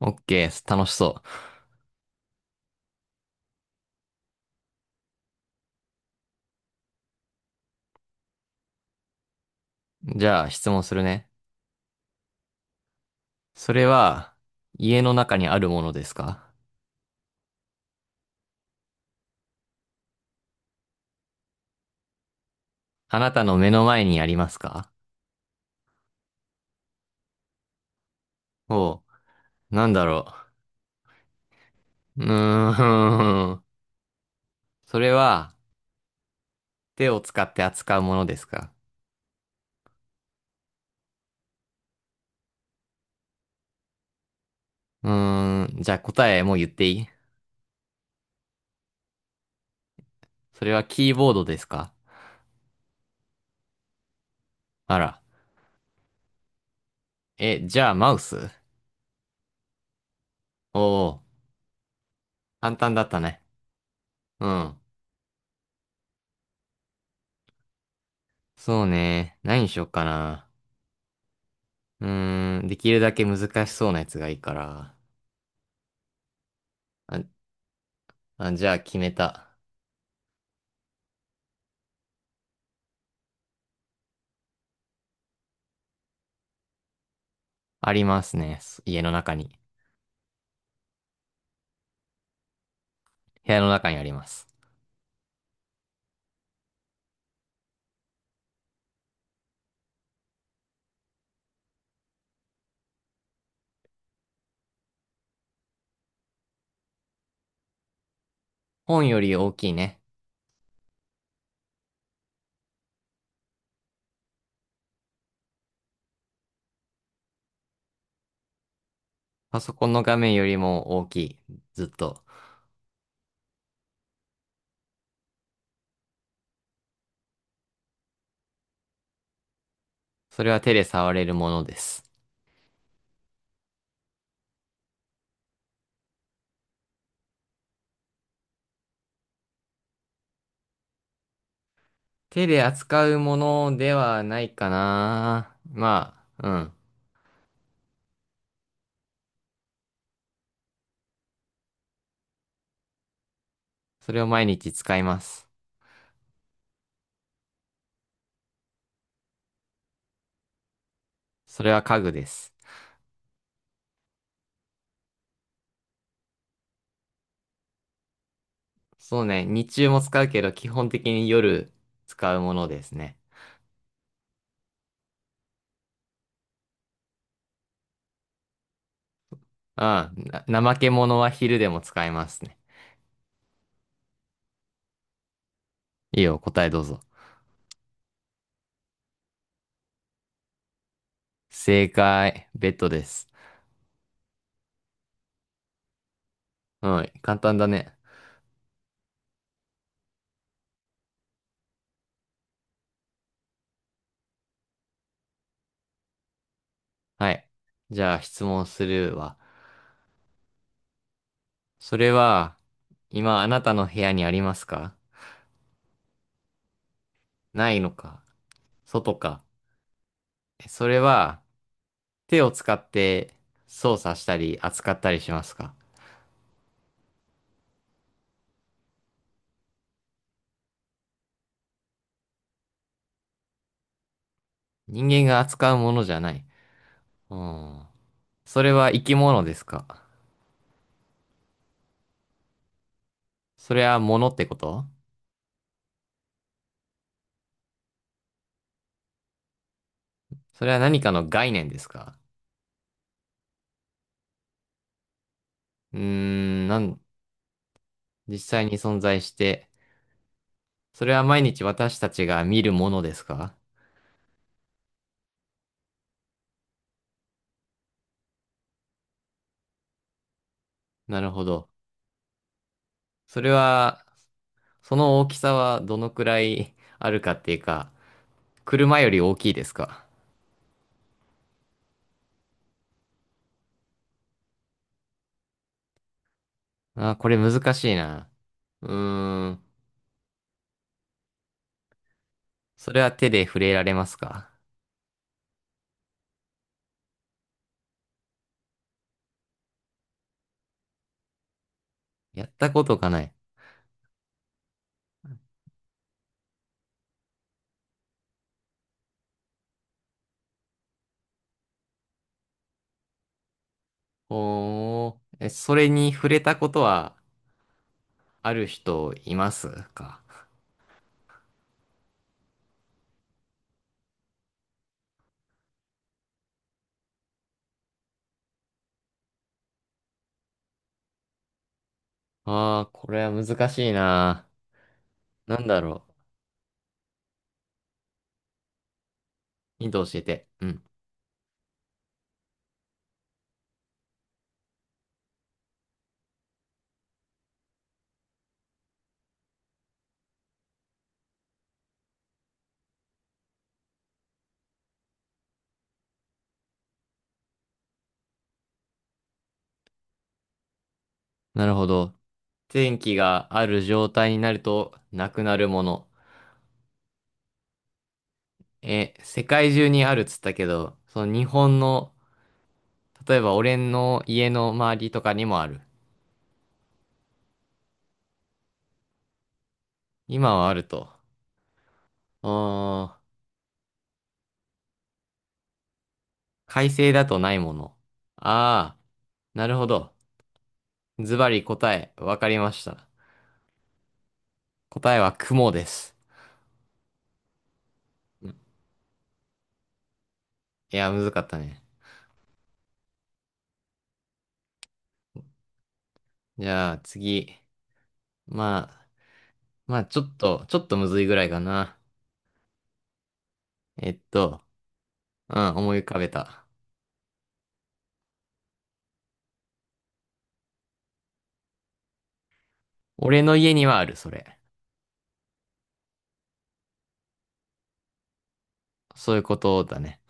オッケー、楽しそう。じゃあ質問するね。それは、家の中にあるものですか？あなたの目の前にありますか？おう、なんだろう。うーん。それは、手を使って扱うものですか？うーん。じゃあ答えもう言っていい？それはキーボードですか？あら。え、じゃあマウス？おう、簡単だったね。うん。そうね。何にしよっかな。うーん。できるだけ難しそうなやつがいいから。ああ、じゃあ決めた。ありますね。家の中に。部屋の中にあります。本より大きいね。パソコンの画面よりも大きい。ずっと。それは手で触れるものです。手で扱うものではないかな。まあ、うん。それを毎日使います。それは家具です。そうね。日中も使うけど、基本的に夜使うものですね。うん。な、怠け者は昼でも使いますね。いいよ、答えどうぞ。正解、ベッドです。うん、簡単だね。はい。じゃあ質問するわ。それは、今あなたの部屋にありますか？ないのか。外か。それは、手を使って操作したり扱ったりしますか？人間が扱うものじゃない。うん。それは生き物ですか？それは物ってこと？それは何かの概念ですか？うーん、なん、実際に存在して、それは毎日私たちが見るものですか？なるほど。それは、その大きさはどのくらいあるかっていうか、車より大きいですか？あー、これ難しいな。うーん。それは手で触れられますか？やったことがない。おー。え、それに触れたことはある人いますか？ああー、これは難しいな。なんだろう。ヒント教えて。うん。なるほど。天気がある状態になるとなくなるもの。え、世界中にあるっつったけど、その日本の例えば俺の家の周りとかにもある？今はあると。うーん、快晴だとないもの。ああ、なるほど。ズバリ答え、わかりました。答えは雲です。うん。いや、むずかったね。じゃあ次。まあ、まあちょっと、ちょっとむずいぐらいかな。えっと、うん、思い浮かべた。俺の家にはある、それ。そういうことだね。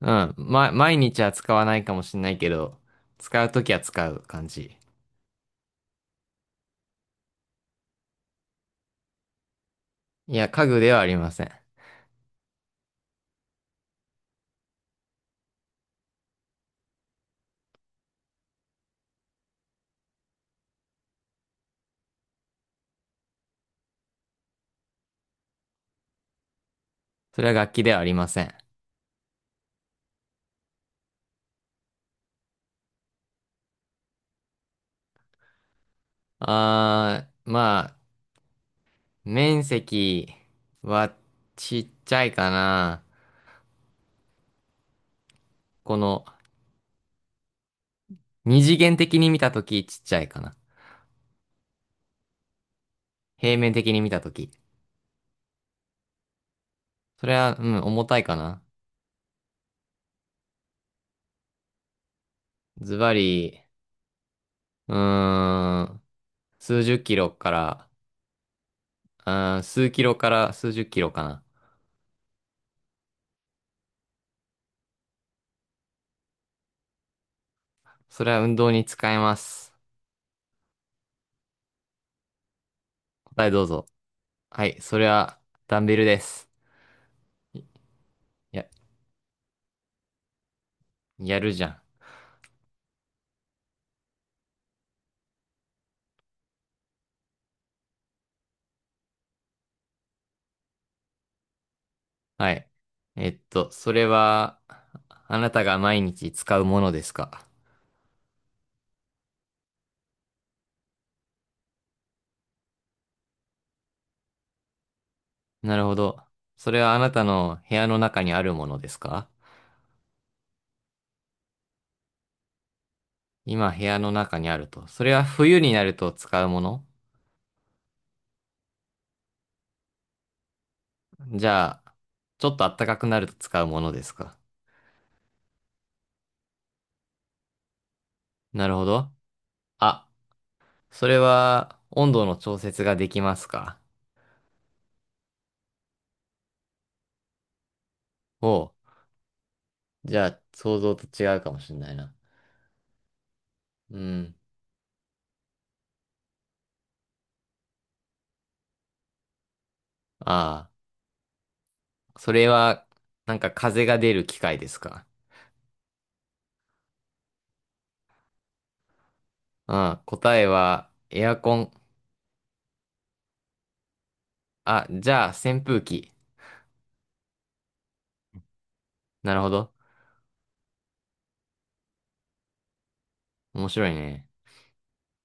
うん、ま、毎日は使わないかもしれないけど、使うときは使う感じ。いや、家具ではありません。それは楽器ではありません。あー、まあ、面積はちっちゃいかな。この、二次元的に見たときちっちゃいかな。平面的に見たとき。それは、うん、重たいかな。ズバリ、うーん、数十キロから、うーん、数キロから数十キロかな。それは運動に使えます。答えどうぞ。はい、それは、ダンベルです。いや、やるじゃん。はい。それは、あなたが毎日使うものですか？なるほど。それはあなたの部屋の中にあるものですか？今部屋の中にあると。それは冬になると使うもの？じゃあ、ちょっと暖かくなると使うものですか？なるほど。あ、それは温度の調節ができますか？おう。じゃあ、想像と違うかもしれないな。うん。ああ、それは、なんか風が出る機械ですか？あ、答えはエアコン。あ、じゃあ扇風機。なるほど。面白いね。